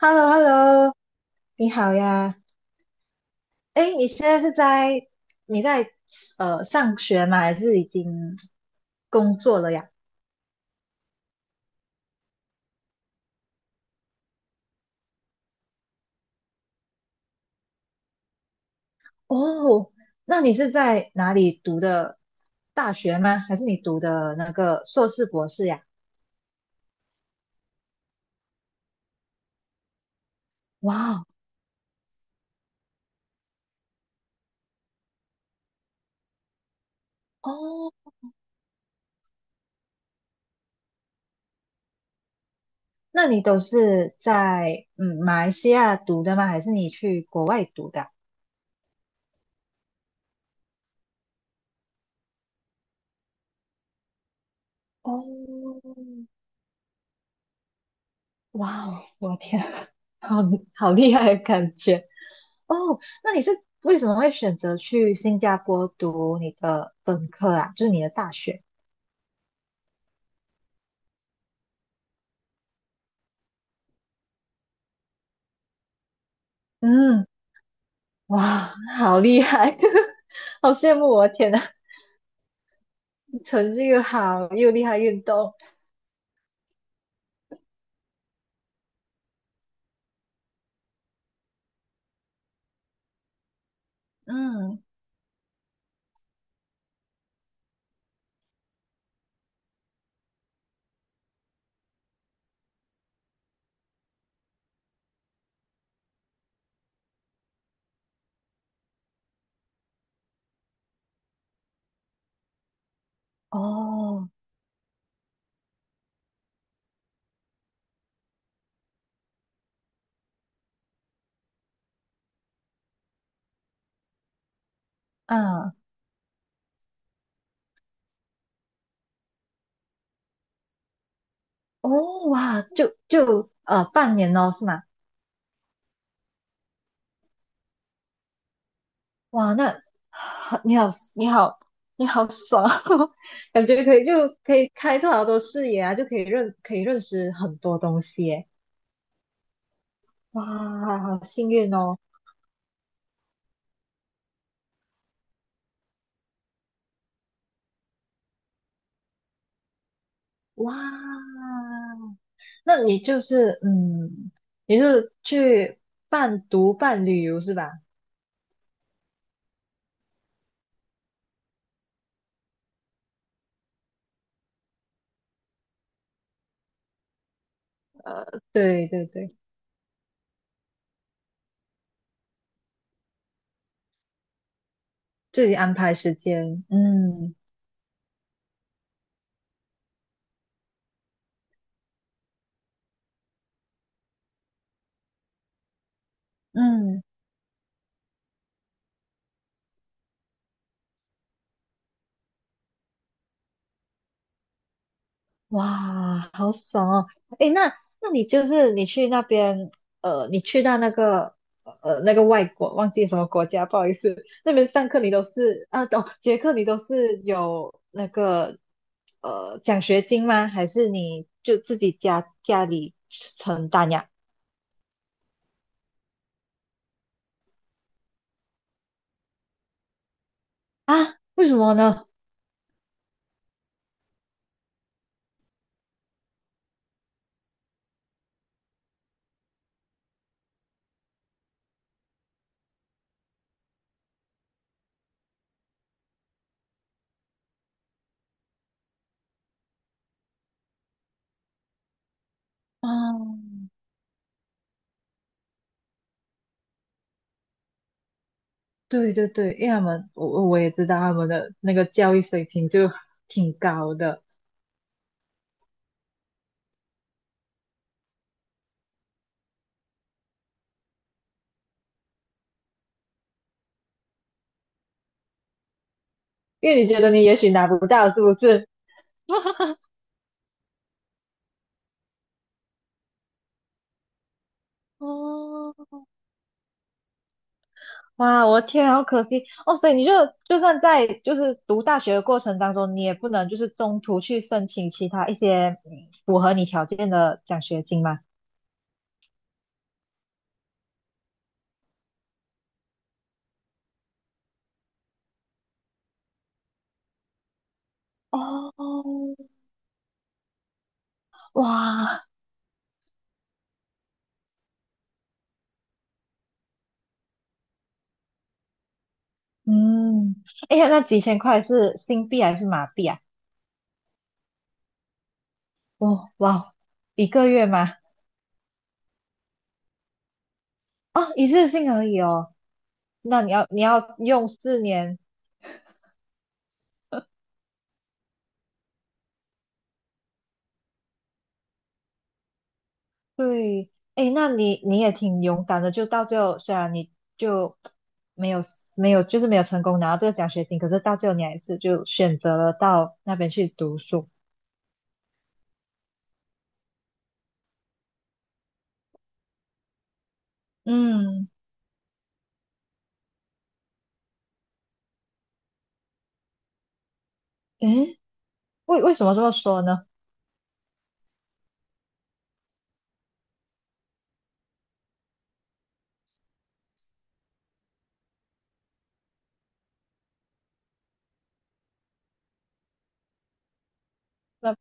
h e l l o h e l l o 你好呀。哎，你现在是在你在上学吗？还是已经工作了呀？哦，那你是在哪里读的大学吗？还是你读的那个硕士博士呀？哇哦，哦，那你都是在马来西亚读的吗？还是你去国外读的啊？哦，哇哦，我天啊，好好厉害的感觉。哦，那你是为什么会选择去新加坡读你的本科啊？就是你的大学？嗯，哇，好厉害，好羡慕我！天呐，成绩又好，又厉害运动。嗯，哦，嗯，哦，哇，就半年哦，是吗？哇，那你好，你好，你好爽哦，感觉可以可以开拓好多视野啊，就可以可以认识很多东西耶。哇，好幸运哦！哇，那你就是嗯，你是去半读半旅游是吧？呃，对对对，自己安排时间，嗯。嗯，哇，好爽哦！诶，那你就是你去那边，呃，你去到那个外国，忘记什么国家，不好意思，那边上课你都是啊，哦，捷克你都是有那个奖学金吗？还是你就自己家里承担呀？啊，为什么呢？啊，对对对，因为他们我也知道他们的那个教育水平就挺高的，因为你觉得你也许拿不到，是不是？哦，哇，我的天啊好可惜哦！所以你就就算在就是读大学的过程当中，你也不能就是中途去申请其他一些符合你条件的奖学金吗？哦，哇，嗯，哎呀，那几千块是新币还是马币啊？哦，哇哦，一个月吗？哦，一次性而已哦。那你要用四年。对，哎，那你你也挺勇敢的，就到最后，虽然你就没有没有，就是没有成功拿到这个奖学金，可是到最后你还是就选择了到那边去读书。嗯，诶，为什么这么说呢？那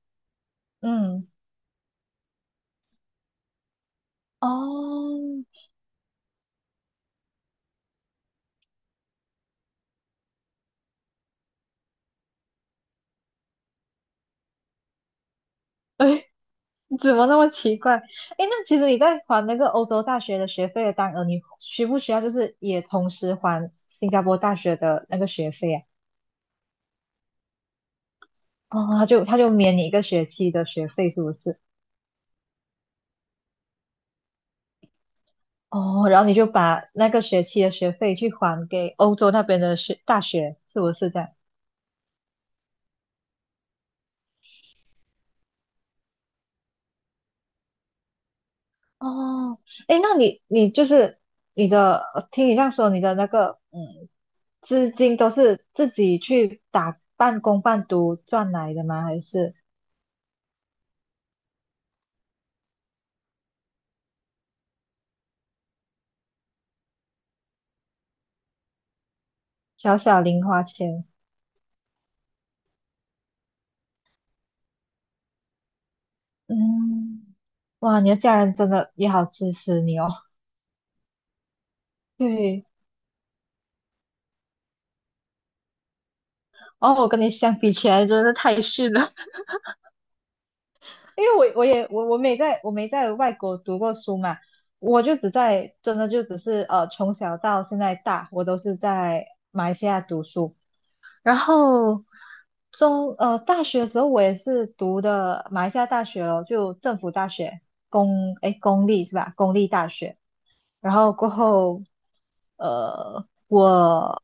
嗯，哦，哎，怎么那么奇怪？哎，那其实你在还那个欧洲大学的学费的当额，你需不需要就是也同时还新加坡大学的那个学费啊？哦，他就免你一个学期的学费，是不是？哦，然后你就把那个学期的学费去还给欧洲那边的大学，是不是这样？哦，诶，那你就是你的，听你这样说，你的那个嗯，资金都是自己去打半工半读赚来的吗？还是小小零花钱？嗯，哇，你的家人真的也好支持你哦。对，哦，我跟你相比起来，真的是太逊了。因为我我没在没在外国读过书嘛，我就只在真的就只是从小到现在大，我都是在马来西亚读书，然后大学的时候我也是读的马来西亚大学咯，就政府大学，公立是吧？公立大学。然后过后，呃，我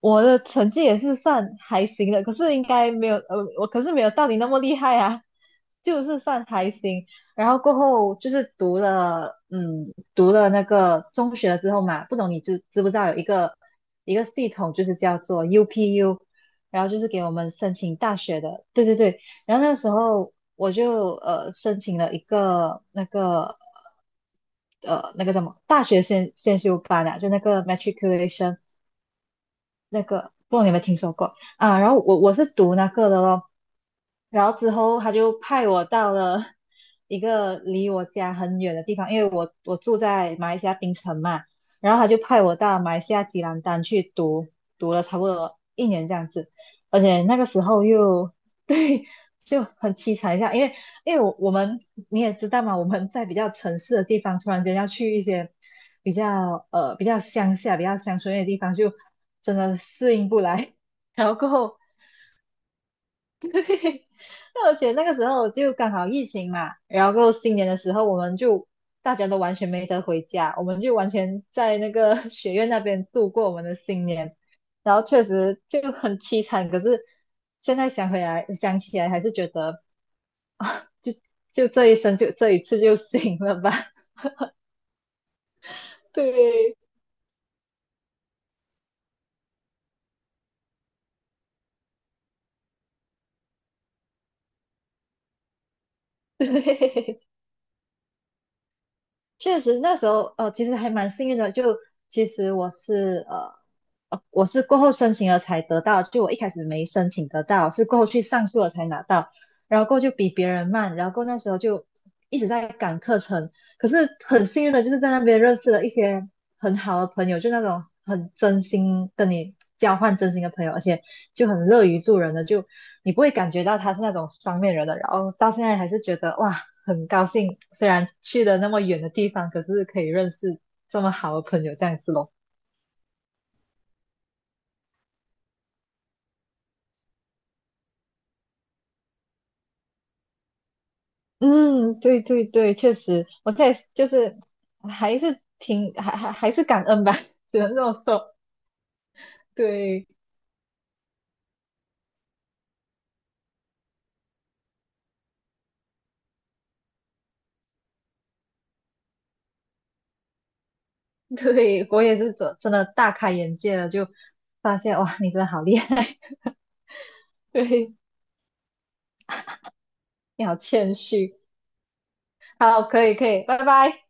我的成绩也是算还行的，可是应该没有，我可是没有到你那么厉害啊，就是算还行。然后过后就是读了，嗯，读了那个中学了之后嘛，不懂你知不知道有一个一个系统，就是叫做 UPU,然后就是给我们申请大学的，对对对。然后那个时候我就申请了一个那个叫什么大学先修班啊，就那个 matriculation 那个，不知道你有没有听说过啊？然后我是读那个的咯，然后之后他就派我到了一个离我家很远的地方，因为我住在马来西亚槟城嘛，然后他就派我到马来西亚吉兰丹去读，读了差不多一年这样子，而且那个时候又 对，就很凄惨一下，因为我们你也知道嘛，我们在比较城市的地方，突然间要去一些比较比较乡下、比较乡村的地方，就真的适应不来，然后过后。而且那个时候就刚好疫情嘛，然后新年的时候我们就大家都完全没得回家，我们就完全在那个 学院那边度过我们的新年，然后确实就很凄惨。可是现在，想起来还是觉得，这一生就这一次就 行了吧。对，对，确实那时候哦，其实还蛮幸运的。就其实我是我是过后申请了才得到，就我一开始没申请得到，是过后去上诉了才拿到，然后过后就比别人慢，然后过后那时候就一直在赶课程，可是很幸运的就是在那边认识了一些很好的朋友，就那种很真心跟你交换真心的朋友，而且就很乐于助人的，就你不会感觉到他是那种双面人的，然后到现在还是觉得哇，很高兴，虽然去了那么远的地方，可是可以认识这么好的朋友这样子咯。嗯，对对对，确实，我现在就是还是挺还是感恩吧，只能这么说。对对，我也是真真的大开眼界了，就发现哇，你真的好厉害，对，你好谦虚。好，可以可以，拜拜。